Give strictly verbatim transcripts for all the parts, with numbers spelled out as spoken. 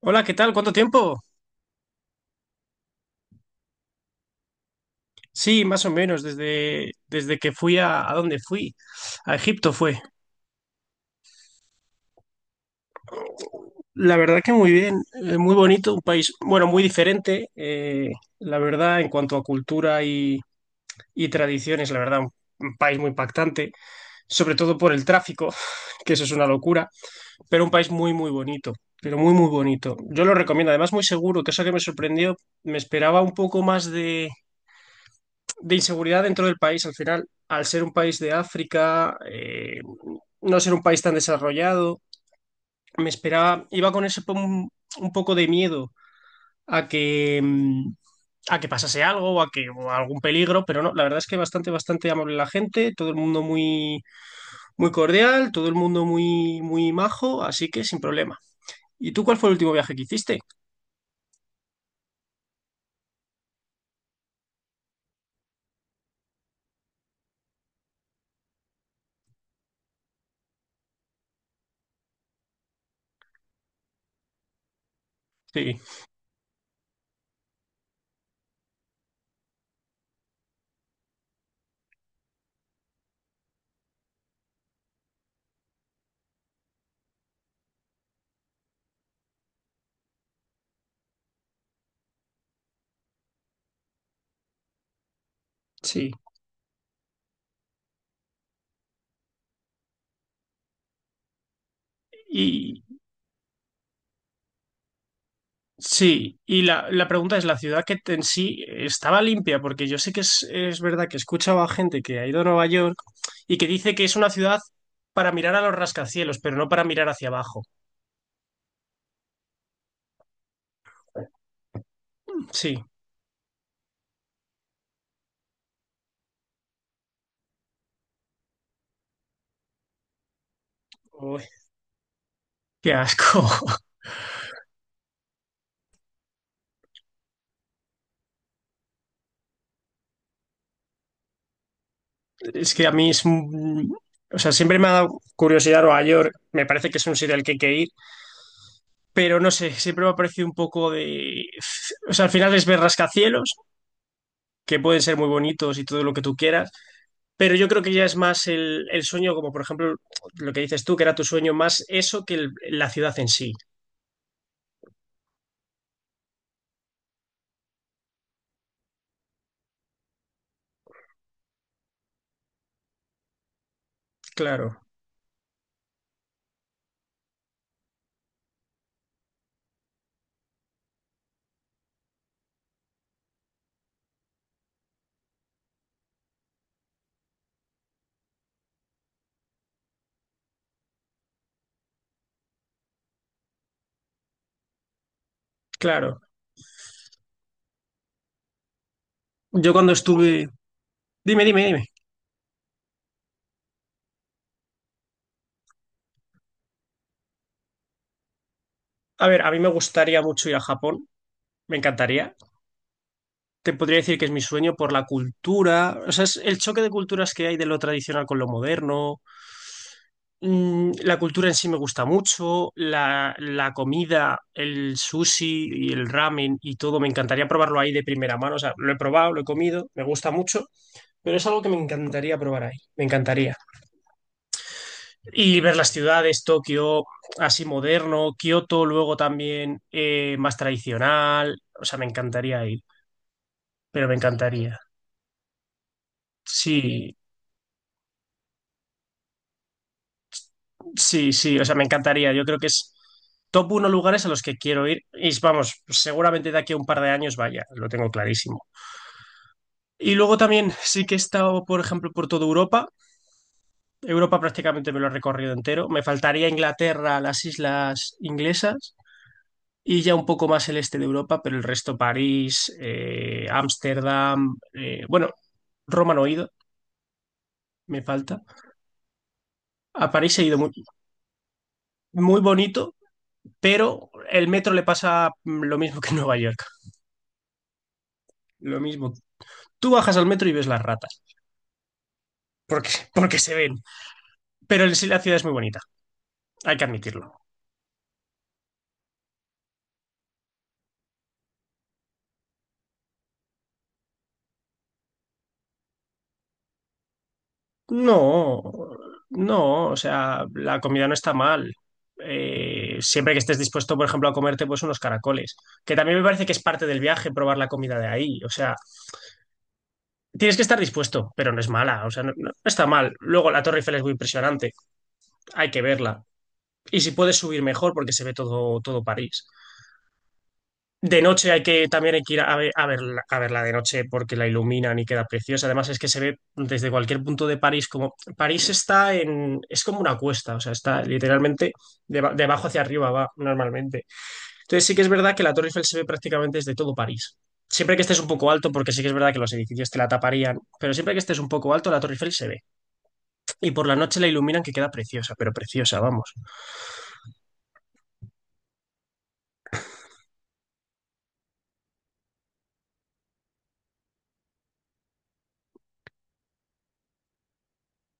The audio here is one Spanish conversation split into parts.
Hola, ¿qué tal? ¿Cuánto tiempo? Sí, más o menos, desde, desde que fui a, ¿a dónde fui? A Egipto fue. La verdad que muy bien, eh, muy bonito, un país, bueno, muy diferente, eh, la verdad, en cuanto a cultura y, y tradiciones, la verdad, un, un país muy impactante, sobre todo por el tráfico, que eso es una locura, pero un país muy, muy bonito, pero muy, muy bonito. Yo lo recomiendo, además muy seguro, que eso que me sorprendió, me esperaba un poco más de inseguridad dentro del país al final, al ser un país de África, eh, no ser un país tan desarrollado, me esperaba, iba con ese po- un, un poco de miedo a que, mm, a que pasase algo o a que o a algún peligro, pero no, la verdad es que bastante, bastante amable la gente, todo el mundo muy, muy cordial, todo el mundo muy, muy majo, así que sin problema. ¿Y tú cuál fue el último viaje que hiciste? Sí, sí. Sí, y la, la pregunta es, ¿la ciudad que te- en sí estaba limpia? Porque yo sé que es, es verdad que he escuchado a gente que ha ido a Nueva York y que dice que es una ciudad para mirar a los rascacielos, pero no para mirar hacia abajo. Sí. Uy, qué asco. Es que a mí es... un- O sea, siempre me ha dado curiosidad Nueva York. Me parece que es un sitio al que hay que ir, pero no sé, siempre me ha parecido un poco de... O sea, al final es ver rascacielos, que pueden ser muy bonitos y todo lo que tú quieras. Pero yo creo que ya es más el, el sueño, como por ejemplo lo que dices tú, que era tu sueño, más eso que el- la ciudad en sí. Claro, claro. Yo cuando estuve... Dime, dime, dime. A ver, a mí me gustaría mucho ir a Japón, me encantaría. Te podría decir que es mi sueño por la cultura, o sea, es el choque de culturas que hay de lo tradicional con lo moderno. Mm, la cultura en sí me gusta mucho, la, la comida, el sushi y el ramen y todo, me encantaría probarlo ahí de primera mano. O sea, lo he probado, lo he comido, me gusta mucho. Pero es algo que me encantaría probar ahí, me encantaría. Y ver las ciudades, Tokio, así moderno, Kioto, luego también eh, más tradicional, o sea, me encantaría ir, pero me encantaría. Sí, sí, sí, o sea, me encantaría. Yo creo que es top uno lugares a los que quiero ir y vamos, seguramente de aquí a un par de años vaya, lo tengo clarísimo. Y luego también sí que he estado, por ejemplo, por toda Europa. Europa prácticamente me lo he recorrido entero. Me faltaría Inglaterra, las islas inglesas y ya un poco más el este de Europa, pero el resto París, eh, Ámsterdam, eh, bueno, Roma no he ido, me falta. A París he ido muy, muy bonito, pero el metro le pasa mm, lo mismo que en Nueva York, lo mismo. Tú bajas al metro y ves las ratas, porque, porque se ven, pero en sí la ciudad es muy bonita, hay que admitirlo. No, no, o sea, la comida no está mal. Eh, siempre que estés dispuesto, por ejemplo, a comerte pues unos caracoles, que también me parece que es parte del viaje probar la comida de ahí. O sea, tienes que estar dispuesto, pero no es mala, o sea, no, no está mal. Luego la Torre Eiffel es muy impresionante, hay que verla. Y si puedes subir mejor porque se ve todo, todo París. De noche hay que, también hay que ir a, ver- a verla, a verla de noche porque la iluminan y queda preciosa. Además es que se ve desde cualquier punto de París como... París está en... es como una cuesta, o sea, está literalmente de, ba- de abajo hacia arriba va normalmente. Entonces sí que es verdad que la Torre Eiffel se ve prácticamente desde todo París. Siempre que estés un poco alto, porque sí que es verdad que los edificios te la taparían, pero siempre que estés un poco alto, la Torre Eiffel se ve. Y por la noche la iluminan que queda preciosa, pero preciosa, vamos.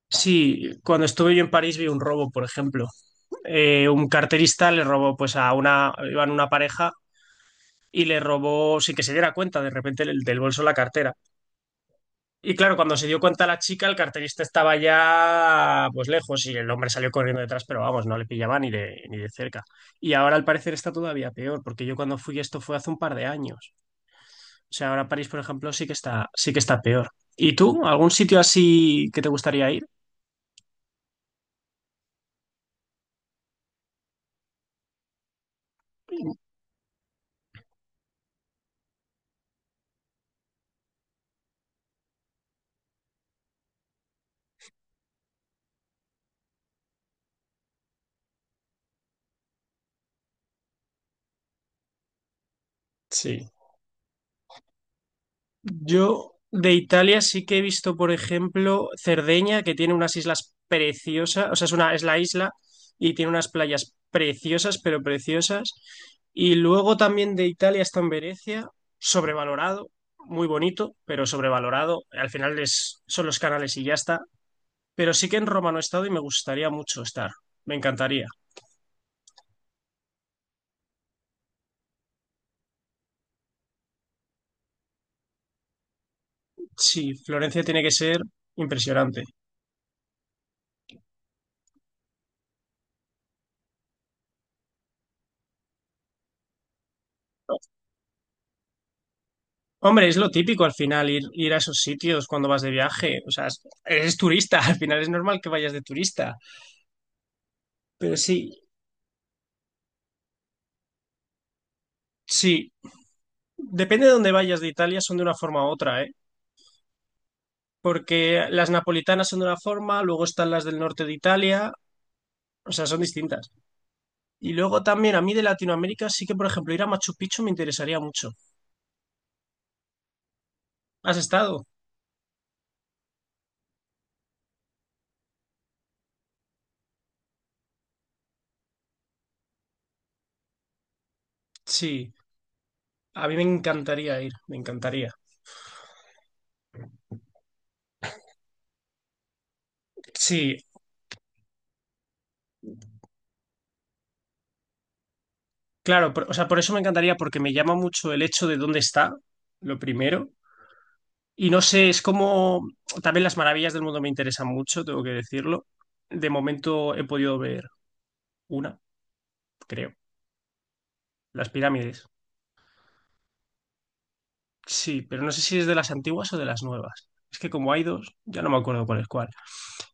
Sí, cuando estuve yo en París vi un robo, por ejemplo. Eh, un carterista le robó pues a una, iban una pareja y le robó sin que se diera cuenta de repente del, del bolso la cartera. Y claro, cuando se dio cuenta la chica, el carterista estaba ya pues lejos y el hombre salió corriendo detrás, pero vamos, no le pillaba ni de, ni de cerca. Y ahora al parecer está todavía peor, porque yo cuando fui esto fue hace un par de años. O sea, ahora París, por ejemplo, sí que está, sí que está peor. ¿Y tú? ¿Algún sitio así que te gustaría ir? Sí. Yo de Italia sí que he visto, por ejemplo, Cerdeña, que tiene unas islas preciosas, o sea, es una, es la isla y tiene unas playas preciosas, pero preciosas. Y luego también de Italia está en Venecia, sobrevalorado, muy bonito, pero sobrevalorado. Al final es, son los canales y ya está. Pero sí que en Roma no he estado y me gustaría mucho estar. Me encantaría. Sí, Florencia tiene que ser impresionante. Hombre, es lo típico al final ir, ir a esos sitios cuando vas de viaje. O sea, es- eres turista, al final es normal que vayas de turista. Pero sí, sí, depende de dónde vayas de Italia, son de una forma u otra, ¿eh? Porque las napolitanas son de una forma, luego están las del norte de Italia, o sea, son distintas. Y luego también a mí de Latinoamérica sí que, por ejemplo, ir a Machu Picchu me interesaría mucho. ¿Has estado? Sí, a mí me encantaría ir, me encantaría. Sí, claro, por- o sea, por eso me encantaría, porque me llama mucho el hecho de dónde está, lo primero. Y no sé, es como también las maravillas del mundo me interesan mucho, tengo que decirlo. De momento he podido ver una, creo, las pirámides. Sí, pero no sé si es de las antiguas o de las nuevas. Es que como hay dos, ya no me acuerdo cuál es cuál.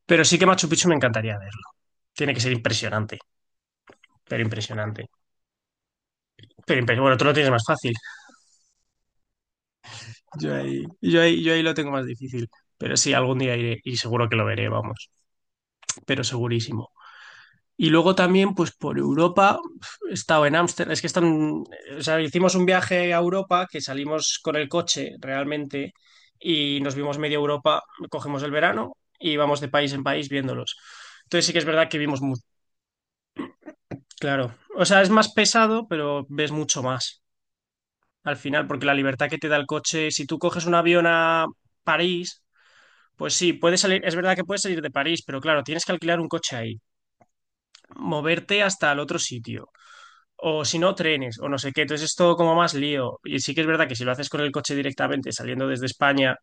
Pero sí que Machu Picchu me encantaría verlo. Tiene que ser impresionante, pero impresionante. Pero impre- bueno, tú lo tienes más fácil. Yo ahí, yo ahí, yo ahí lo tengo más difícil. Pero sí, algún día iré y seguro que lo veré, vamos. Pero segurísimo. Y luego también, pues por Europa, he estado en Ámsterdam, es que están, o sea, hicimos un viaje a Europa que salimos con el coche realmente y nos vimos media Europa, cogemos el verano y vamos de país en país viéndolos. Entonces sí que es verdad que vimos muy, claro, o sea, es más pesado, pero ves mucho más al final, porque la libertad que te da el coche, si tú coges un avión a París, pues sí, puedes salir, es verdad que puedes salir de París, pero claro, tienes que alquilar un coche ahí, moverte hasta el otro sitio o si no, trenes, o no sé qué. Entonces es todo como más lío. Y sí que es verdad que si lo haces con el coche directamente saliendo desde España,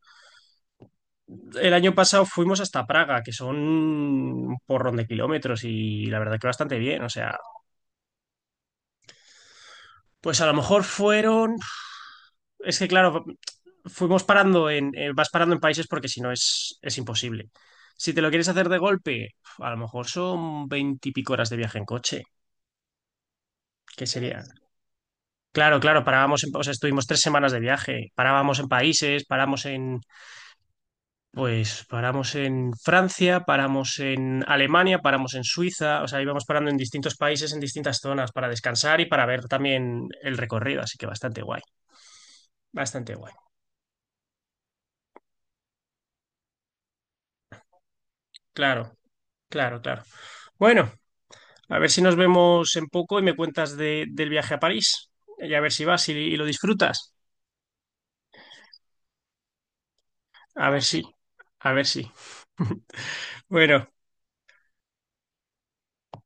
el año pasado fuimos hasta Praga, que son un porrón de kilómetros y la verdad que bastante bien. O sea, pues a lo mejor fueron... Es que claro, fuimos parando en... eh, vas parando en países porque si no es, es imposible. Si te lo quieres hacer de golpe, a lo mejor son veintipico horas de viaje en coche. ¿Qué sería? Claro, claro, parábamos en, o sea, estuvimos tres semanas de viaje, parábamos en países, paramos en pues paramos en Francia, paramos en Alemania, paramos en Suiza, o sea, íbamos parando en distintos países, en distintas zonas para descansar y para ver también el recorrido, así que bastante guay, bastante guay. Claro, claro, claro. Bueno, a ver si nos vemos en poco y me cuentas de- del viaje a París y a ver si vas y, y lo disfrutas. A ver si, a ver si. Bueno.